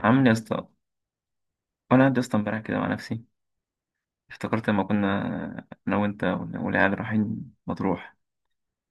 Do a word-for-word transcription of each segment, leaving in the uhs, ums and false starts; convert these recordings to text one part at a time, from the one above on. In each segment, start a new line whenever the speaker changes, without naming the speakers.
عامل يا اسطى. وانا قاعد يا اسطى امبارح كده مع نفسي افتكرت لما كنا انا وانت والعيال رايحين مطروح.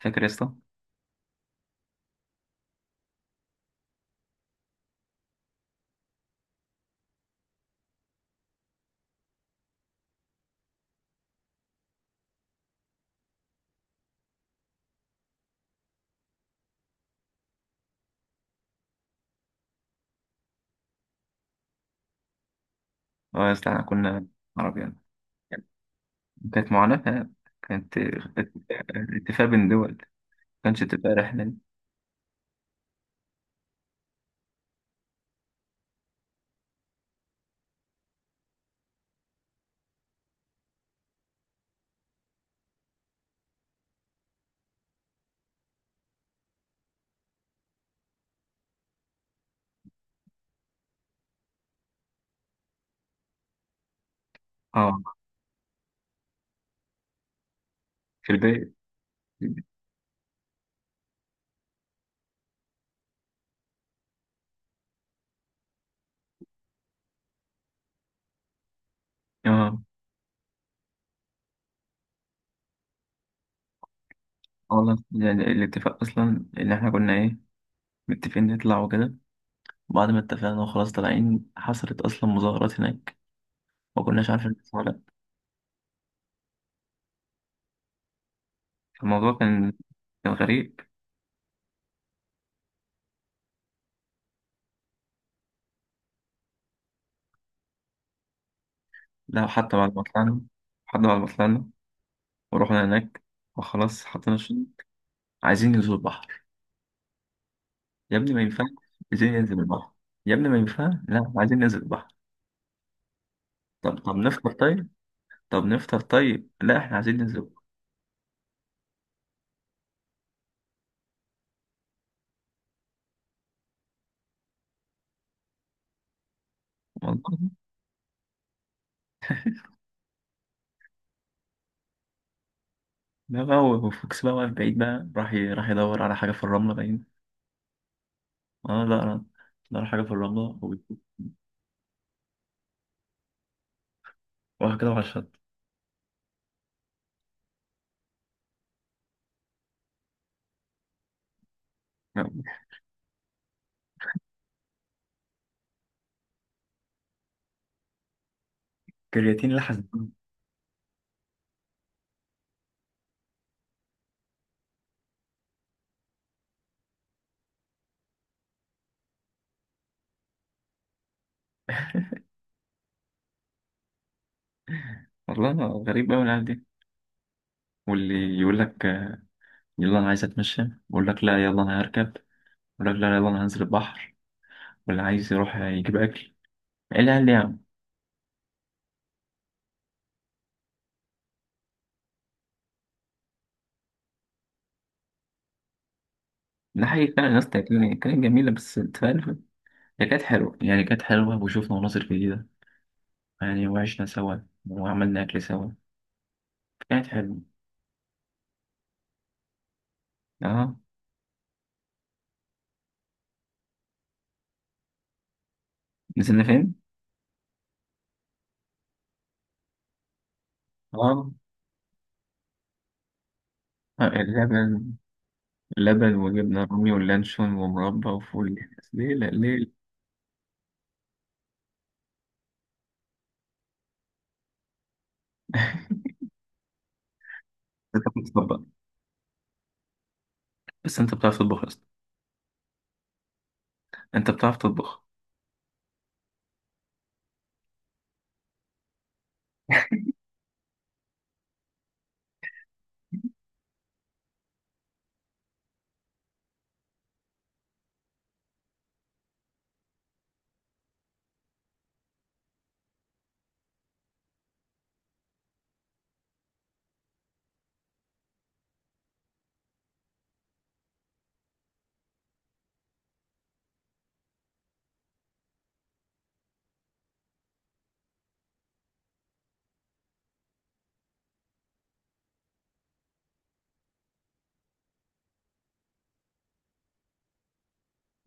فاكر يا اسطى؟ اه يا اسطى احنا كنا عربيان. كانت معاناة. كانت اتفاق بين دول، ما كانش اتفاق رحلة. اه في البيت. اه. اه والله يعني الاتفاق اصلا ان احنا كنا ايه، متفقين نطلع وكده. بعد ما اتفقنا وخلاص طالعين حصلت اصلا مظاهرات هناك، ما كناش عارفين نطلع ولا لأ. فالموضوع كان كان غريب. لا حتى بعد ما طلعنا، حتى بعد ما طلعنا ورحنا هناك وخلاص حطينا الشنط، عايزين ننزل البحر. يا ابني ما ينفعش. عايزين ننزل البحر. يا ابني ما ينفعش، لا عايزين ننزل البحر. طب طب نفطر طيب. طب نفطر طيب، لا احنا عايزين ننزل البحر. والله ده بقى هو- هو فوكس بقى واقف بعيد بقى، راح ي- راح يدور على حاجة في الرملة باين. اه، لا لا، دور على حاجة في الرملة وراح كده على الشط. كرياتين لحس الدم. والله غريب أوي العيال دي. واللي يقول لك يلا أنا عايز أتمشى، يقول لك لا يلا أنا هركب الراجل، لا يلا انا هنزل البحر. واللي عايز يروح يجيب اكل، لا لا. ده حقيقي كان الناس تاكلني، كانت جميله بس انت فاهم. هي كانت حلوه يعني، كانت حلوه وشفنا مناظر جديده يعني، وعشنا سوا وعملنا اكل سوا. كانت حلوه. اه نزلنا فين؟ اه. آه، اللبن. اللبن وجبنا رومي واللانشون ومربى وفول ليلة ليلة. انت بتطبخ بقى. بس انت بتعرف تطبخ يا اسطى؟ انت بتعرف تطبخ؟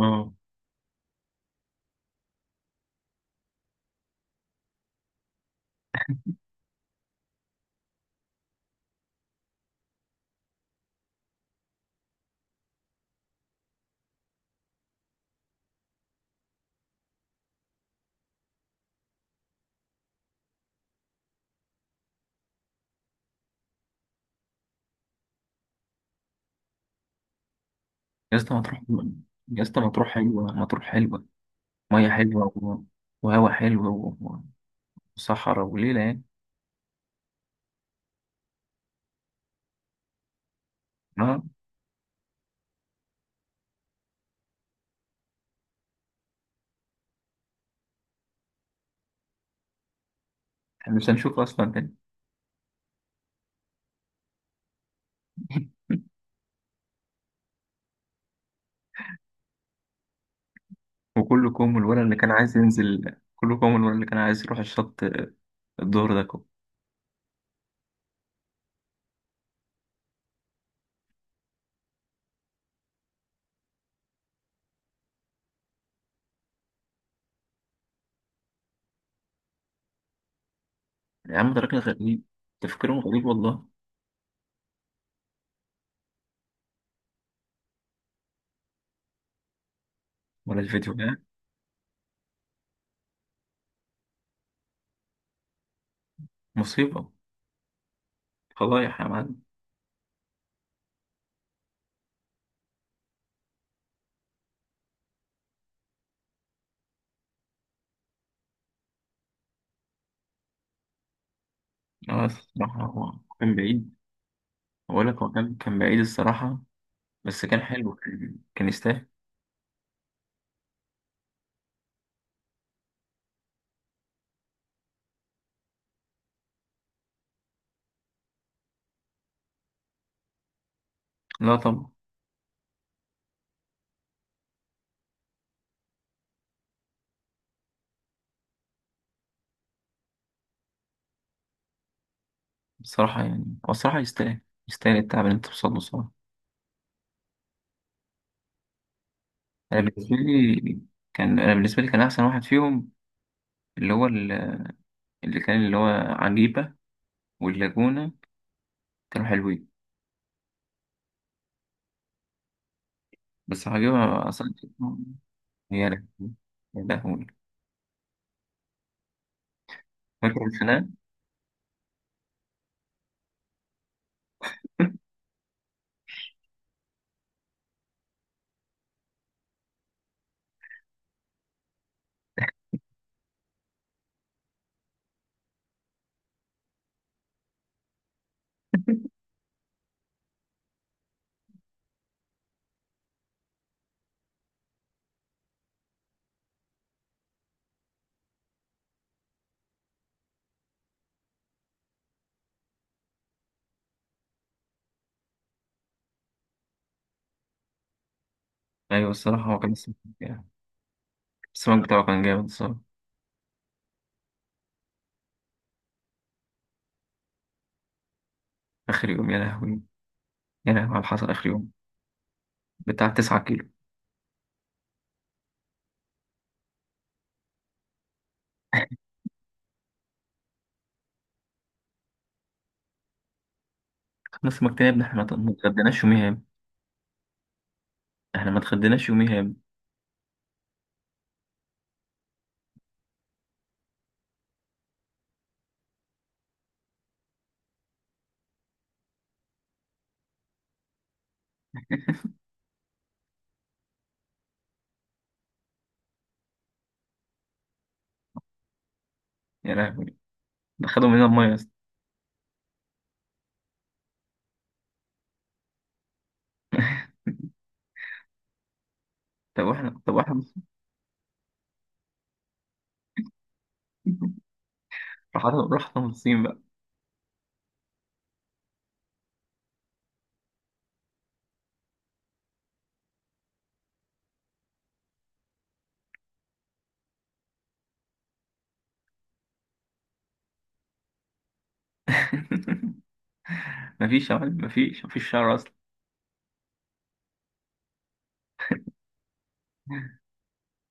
اه يا اسطى ما تروح. يا اسطى ما تروح حلوه، ما تروح حلوه. مية حلوة و، وهوا حلو و، وصحراء وليلة يعني. اه احنا مش هنشوف أصلا تاني. وكله كوم الولد اللي كان عايز ينزل، كله كوم الولد اللي كان عايز يروح الشط، الظهر ده كوم. يا عم ده راجل غريب، تفكيرهم غريب والله. ولا الفيديو ده مصيبة، فضايح يا معلم. اه الصراحة هو كان بعيد، بقول لك هو كان كان بعيد الصراحة، بس كان حلو، كان كان يستاهل. لا طبعا. الصراحة يعني هو الصراحة يستاهل، يستاهل التعب اللي انت بتوصله. انا بالنسبه لي كان، انا بالنسبه لي كان احسن واحد فيهم، اللي هو ال- اللي كان اللي هو عجيبه واللاجونه، كانوا حلوين. بس عجيبه اصلا. يا لهوي يا لهوي، فاكر الخناقه؟ ايوه الصراحه هو كان السمك يعني، السمك بتاعه كان جامد الصراحه. اخر يوم، يا لهوي يا لهوي على اللي حصل اخر يوم، بتاع تسعة كيلو. خلص السمك تاني يا ابني، احنا ما اتغديناش يوميها يا ابني. احنا ما اتغديناش يوميها يا ابني. يا لهوي ده خدوا مننا الميه يا اسطى. طب واحنا، طب واحنا. راح راح الصين بقى. مفيش يا معلم، مفيش مفيش شهر أصلا.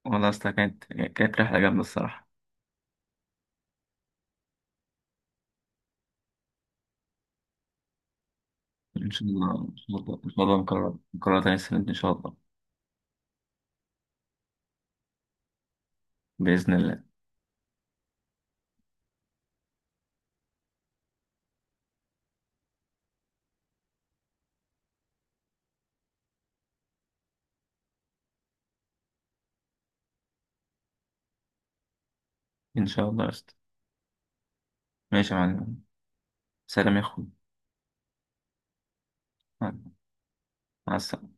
والله أصلا كانت كانت رحلة جامدة الصراحة. إن شاء الله إن شاء الله إن شاء الله نكرر، نكررها تاني السنة دي إن شاء الله. بإذن الله. إن شاء الله يا أسطى. ماشي يا معلم. سلام يا أخوي. مع. مع السلامة.